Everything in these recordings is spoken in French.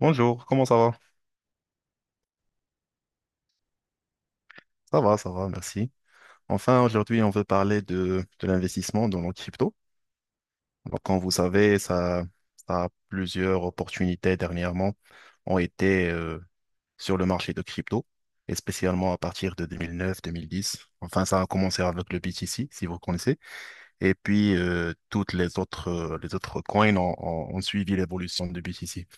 Bonjour, comment ça va? Ça va, ça va, merci. Enfin, aujourd'hui, on veut parler de l'investissement dans la crypto. Donc, comme vous savez, ça a plusieurs opportunités dernièrement ont été sur le marché de crypto, et spécialement à partir de 2009-2010. Enfin, ça a commencé avec le BTC, si vous connaissez. Et puis, toutes les autres coins ont suivi l'évolution du BTC.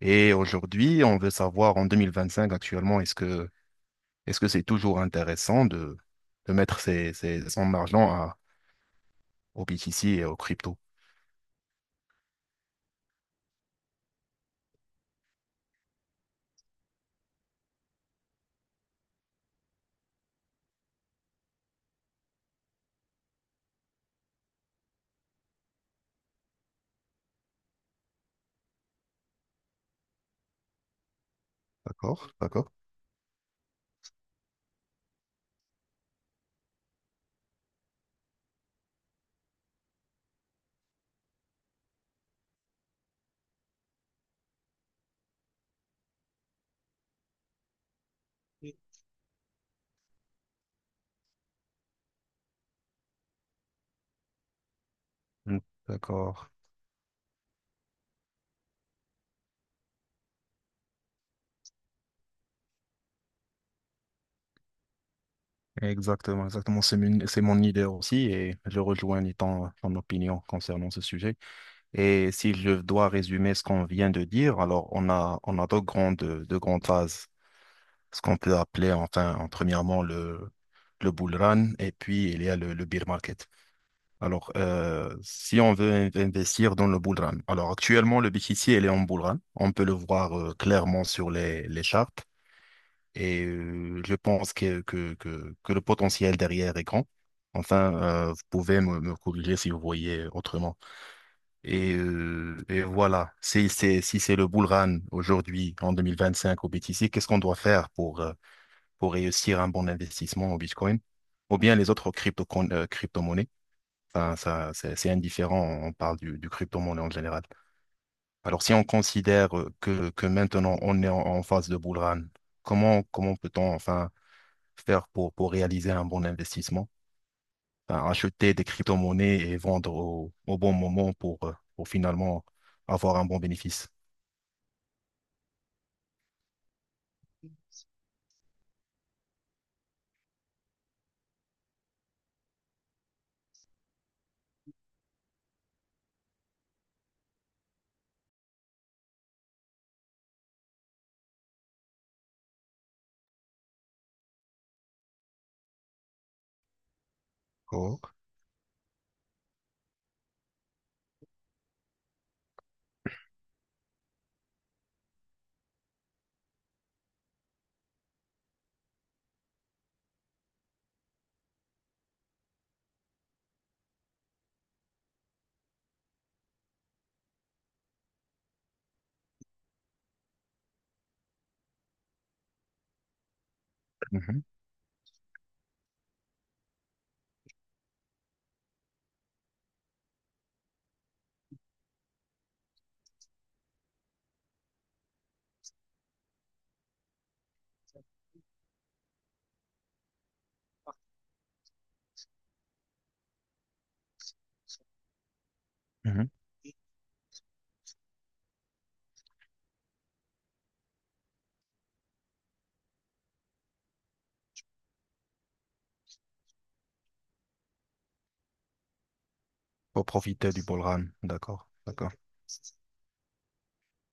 Et aujourd'hui, on veut savoir en 2025 actuellement, est-ce que c'est toujours intéressant de mettre son argent au BTC et au crypto? D'accord, d'accord. Mm. D'accord. Exactement, exactement. C'est mon idée aussi et je rejoins ton opinion concernant ce sujet. Et si je dois résumer ce qu'on vient de dire, alors on a deux grandes phases ce qu'on peut appeler enfin, en premièrement le bull run et puis il y a le bear market. Alors, si on veut investir dans le bull run, alors actuellement le BTC il est en bull run, on peut le voir clairement sur les charts et je pense que le potentiel derrière est grand. Enfin, vous pouvez me corriger si vous voyez autrement. Et voilà, si c'est le bull run aujourd'hui en 2025 au BTC, qu'est-ce qu'on doit faire pour réussir un bon investissement au Bitcoin ou bien les autres crypto-monnaies. Enfin, ça, c'est indifférent, on parle du crypto-monnaie en général. Alors, si on considère que maintenant on est en phase de bull run, comment peut-on enfin faire pour réaliser un bon investissement? Enfin, acheter des crypto-monnaies et vendre au bon moment pour finalement avoir un bon bénéfice. D'accord. Mhm, mhm. Pour profiter du ballroom. D'accord, d'accord,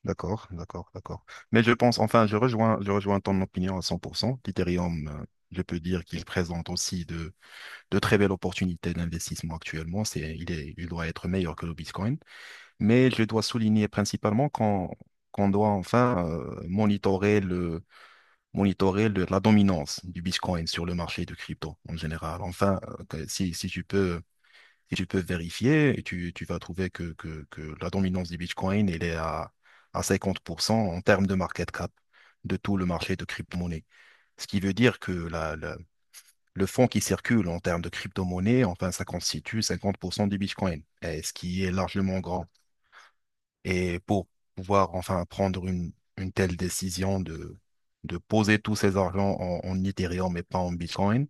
d'accord, d'accord, d'accord. Mais je pense, enfin, je rejoins ton opinion à 100%. L'Ethereum, je peux dire qu'il présente aussi de très belles opportunités d'investissement actuellement. Il doit être meilleur que le Bitcoin. Mais je dois souligner principalement qu'on doit enfin monitorer la dominance du Bitcoin sur le marché de crypto en général. Enfin, que- si, si tu peux et tu peux vérifier et tu vas trouver que la dominance du Bitcoin, elle est à 50% en termes de market cap de tout le marché de crypto-monnaie. Ce qui veut dire que le fonds qui circule en termes de crypto-monnaie, enfin, ça constitue 50% du Bitcoin, et ce qui est largement grand. Et pour pouvoir enfin prendre une telle décision de poser tous ces argents en Ethereum et pas en Bitcoin,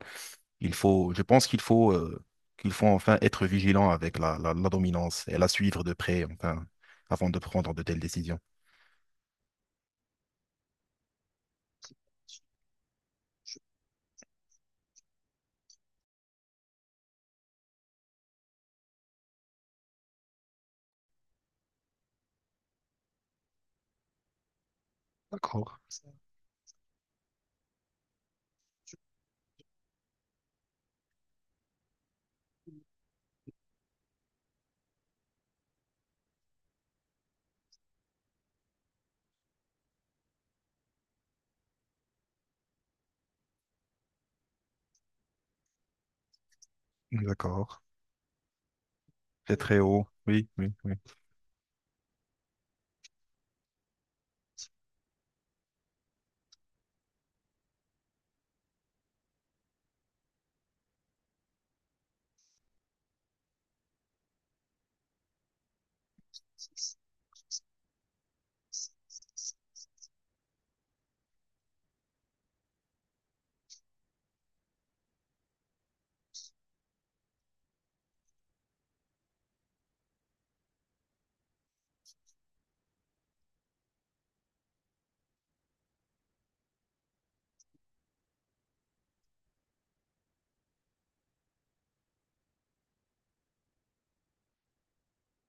je pense qu'il faut enfin être vigilant avec la dominance et la suivre de près, enfin, avant de prendre de telles décisions. D'accord, d'accord. C'est très haut. Oui, oui, oui.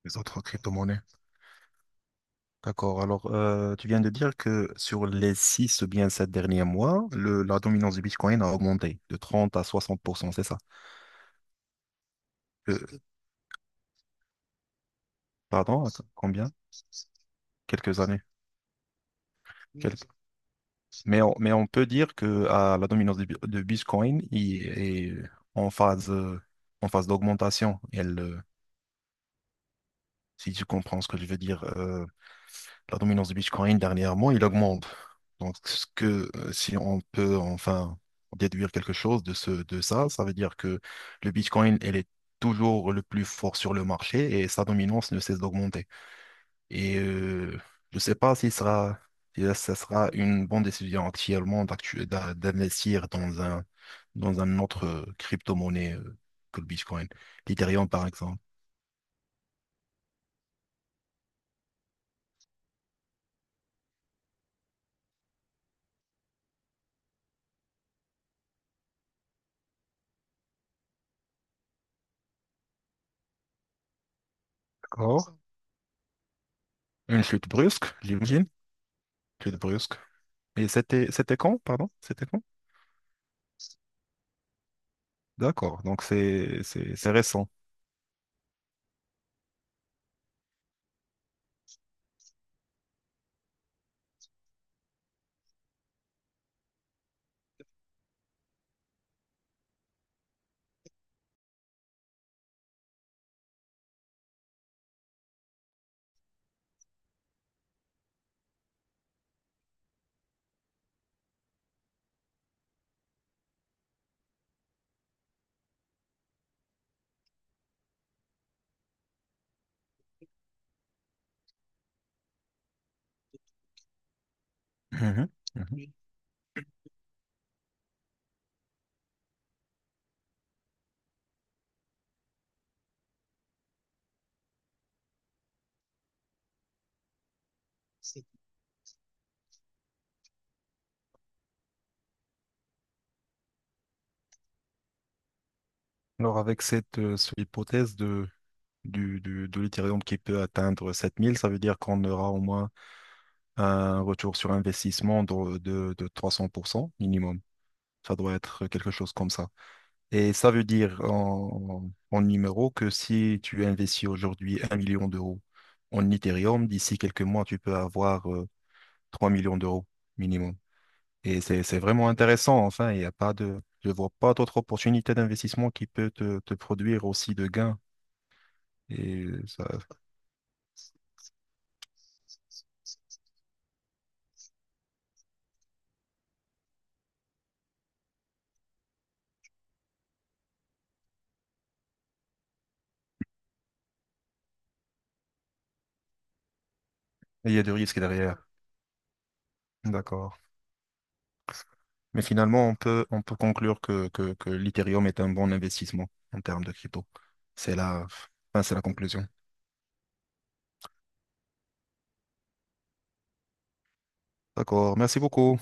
Les autres crypto-monnaies. D'accord. Alors, tu viens de dire que sur les 6 ou bien 7 derniers mois, la dominance du Bitcoin a augmenté de 30 à 60% c'est ça? Euh, pardon, attends, combien? Quelques années. Quel- mais on peut dire que ah, la dominance de Bitcoin il est en phase, euh, en phase d'augmentation. Si tu comprends ce que je veux dire, la dominance de Bitcoin dernièrement, il augmente. Donc, si on peut enfin déduire quelque chose de ça, ça veut dire que le Bitcoin, elle est toujours le plus fort sur le marché et sa dominance ne cesse d'augmenter. Et je ne sais pas si ça sera une bonne décision actuellement d'investir dans un autre crypto-monnaie que le Bitcoin. L'Ethereum, par exemple. D'accord. Une chute brusque, j'imagine. Chute brusque. Et c'était quand, pardon? C'était quand? D'accord. Donc c'est récent. Mhm, mhm. Alors avec cette hypothèse de l'Ethereum qui peut atteindre 7 000, ça veut dire qu'on aura au moins un retour sur investissement de 300% minimum. Ça doit être quelque chose comme ça. Et ça veut dire en numéro que si tu investis aujourd'hui un million d'euros en Ethereum, d'ici quelques mois, tu peux avoir 3 millions d'euros minimum. Et c'est vraiment intéressant. Enfin, il n'y a pas de, je vois pas d'autres opportunités d'investissement qui peut te produire aussi de gains. Et ça, il y a du risque derrière. D'accord. Mais finalement, on peut conclure que l'Ethereum est un bon investissement en termes de crypto. C'est la, enfin, c'est la conclusion. D'accord, merci beaucoup.